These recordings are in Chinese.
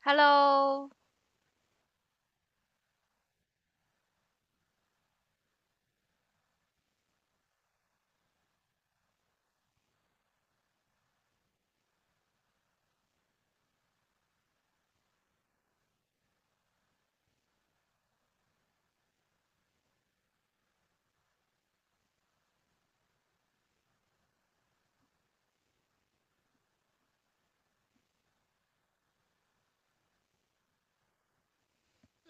Hello，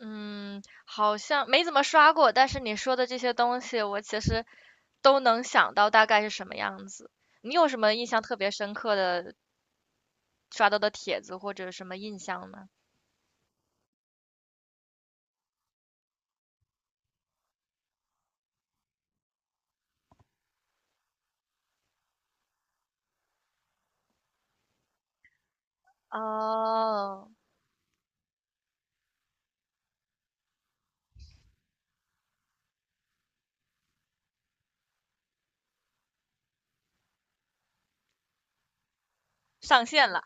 嗯，好像没怎么刷过，但是你说的这些东西，我其实都能想到大概是什么样子。你有什么印象特别深刻的刷到的帖子或者什么印象呢？哦，上线了。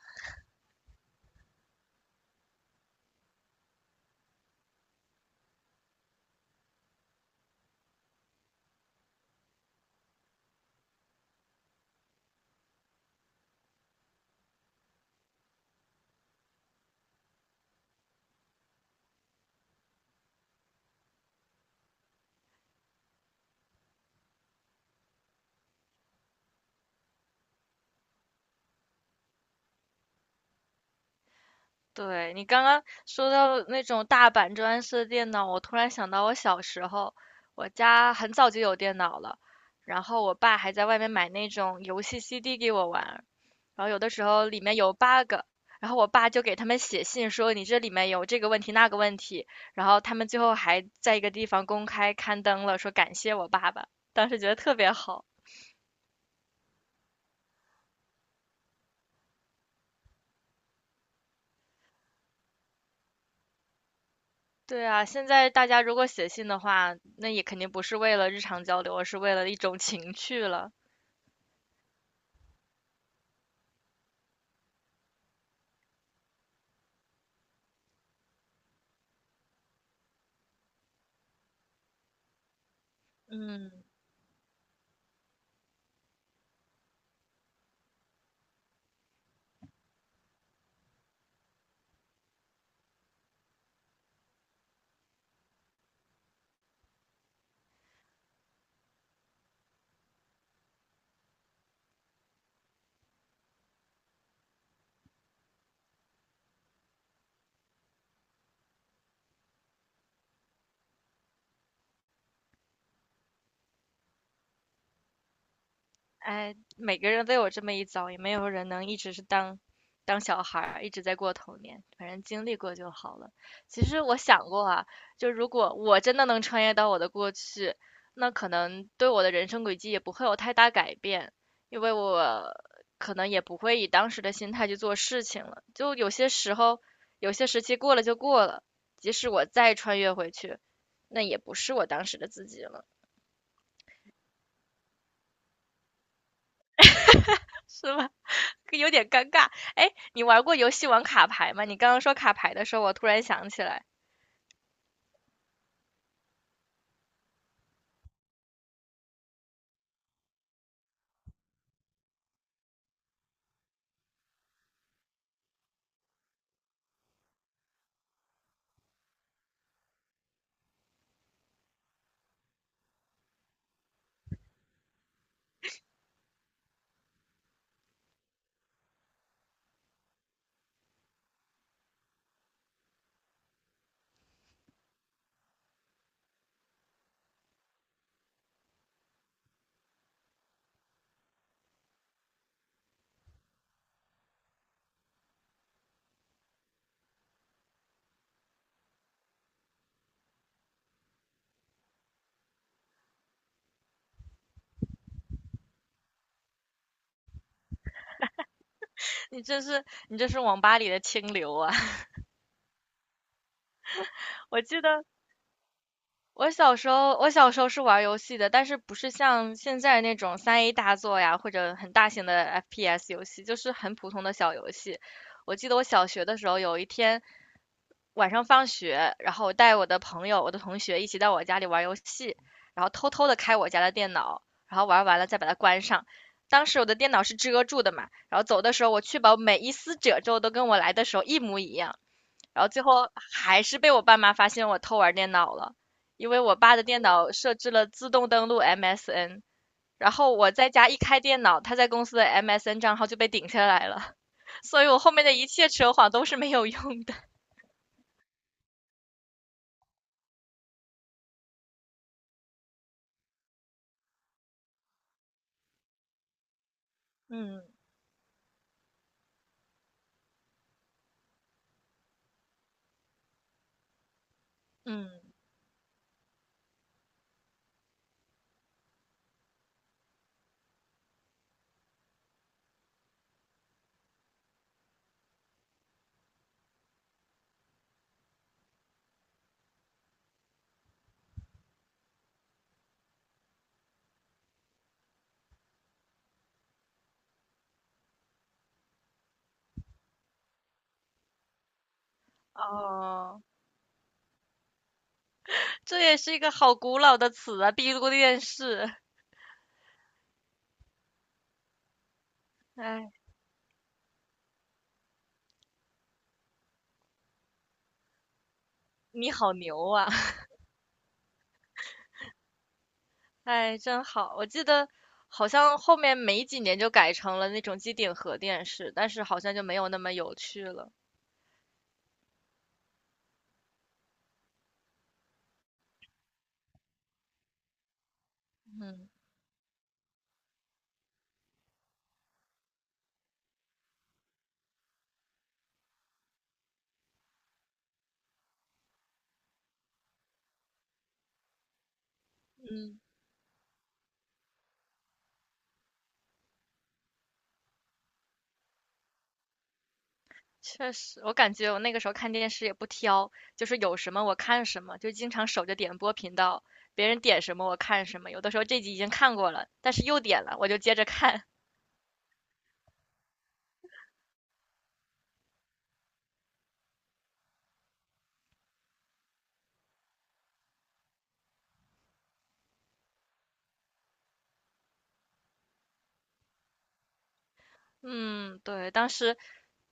对，你刚刚说到那种大板砖式的电脑，我突然想到我小时候，我家很早就有电脑了，然后我爸还在外面买那种游戏 CD 给我玩，然后有的时候里面有 bug，然后我爸就给他们写信说你这里面有这个问题那个问题，然后他们最后还在一个地方公开刊登了，说感谢我爸爸，当时觉得特别好。对啊，现在大家如果写信的话，那也肯定不是为了日常交流，而是为了一种情趣了。嗯。哎，每个人都有这么一遭，也没有人能一直是当小孩儿，一直在过童年。反正经历过就好了。其实我想过啊，就如果我真的能穿越到我的过去，那可能对我的人生轨迹也不会有太大改变，因为我可能也不会以当时的心态去做事情了。就有些时候，有些时期过了就过了，即使我再穿越回去，那也不是我当时的自己了，是吧？有点尴尬。哎，你玩过游戏玩卡牌吗？你刚刚说卡牌的时候，我突然想起来，你这是你这是网吧里的清流啊！我记得我小时候是玩游戏的，但是不是像现在那种3A 大作呀，或者很大型的 FPS 游戏，就是很普通的小游戏。我记得我小学的时候，有一天晚上放学，然后我带我的朋友、我的同学一起到我家里玩游戏，然后偷偷的开我家的电脑，然后玩完了再把它关上。当时我的电脑是遮住的嘛，然后走的时候，我确保每一丝褶皱都跟我来的时候一模一样，然后最后还是被我爸妈发现我偷玩电脑了，因为我爸的电脑设置了自动登录 MSN，然后我在家一开电脑，他在公司的 MSN 账号就被顶下来了，所以我后面的一切扯谎都是没有用的。嗯嗯。哦，这也是一个好古老的词啊，帝国电视。哎，你好牛啊！哎，真好。我记得好像后面没几年就改成了那种机顶盒电视，但是好像就没有那么有趣了。嗯嗯，确实，我感觉我那个时候看电视也不挑，就是有什么我看什么，就经常守着点播频道，别人点什么我看什么。有的时候这集已经看过了，但是又点了，我就接着看。嗯，对，当时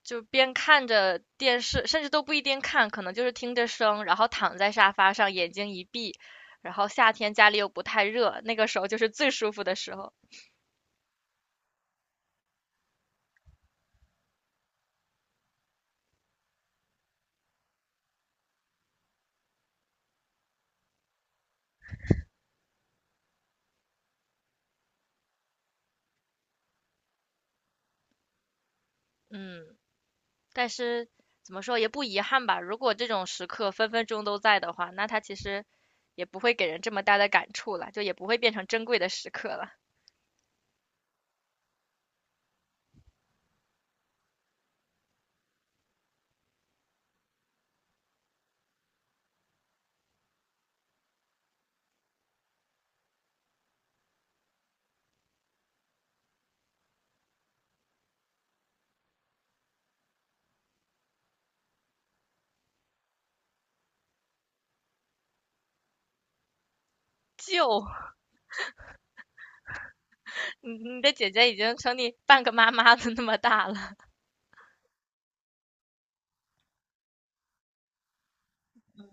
就边看着电视，甚至都不一定看，可能就是听着声，然后躺在沙发上，眼睛一闭。然后夏天家里又不太热，那个时候就是最舒服的时候。嗯，但是怎么说也不遗憾吧。如果这种时刻分分钟都在的话，那它其实也不会给人这么大的感触了，就也不会变成珍贵的时刻了。就你的姐姐已经成你半个妈妈的那么大了。嗯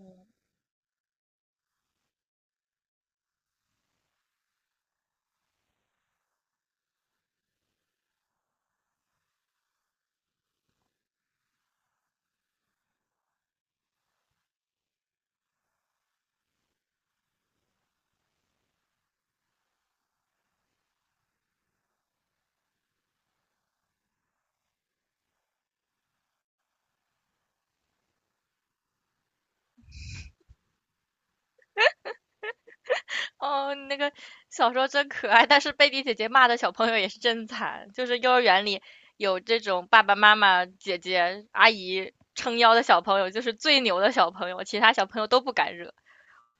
哦，你那个小时候真可爱，但是贝蒂姐姐骂的小朋友也是真惨，就是幼儿园里有这种爸爸妈妈、姐姐、阿姨撑腰的小朋友，就是最牛的小朋友，其他小朋友都不敢惹。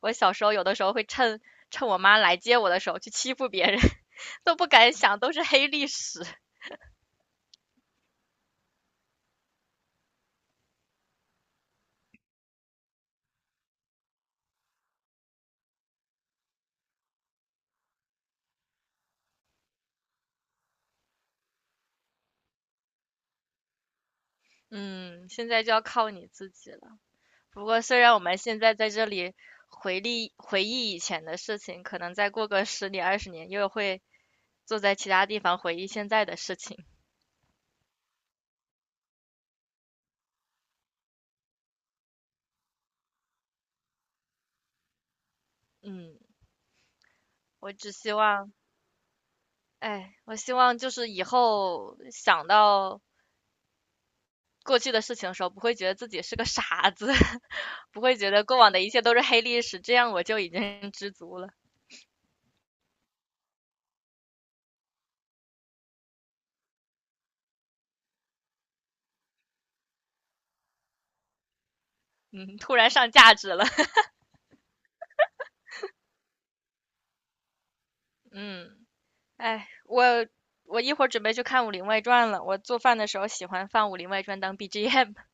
我小时候有的时候会趁我妈来接我的时候去欺负别人，都不敢想，都是黑历史。嗯，现在就要靠你自己了。不过虽然我们现在在这里回忆回忆以前的事情，可能再过个10年20年又会。坐在其他地方回忆现在的事情。嗯，我只希望，哎，我希望就是以后想到过去的事情的时候，不会觉得自己是个傻子，不会觉得过往的一切都是黑历史，这样我就已经知足了。嗯，突然上价值了。嗯，哎，我一会儿准备去看《武林外传》了。我做饭的时候喜欢放《武林外传》当 BGM。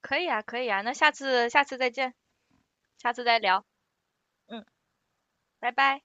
可以啊，可以啊，那下次下次再见，下次再聊。嗯，拜拜。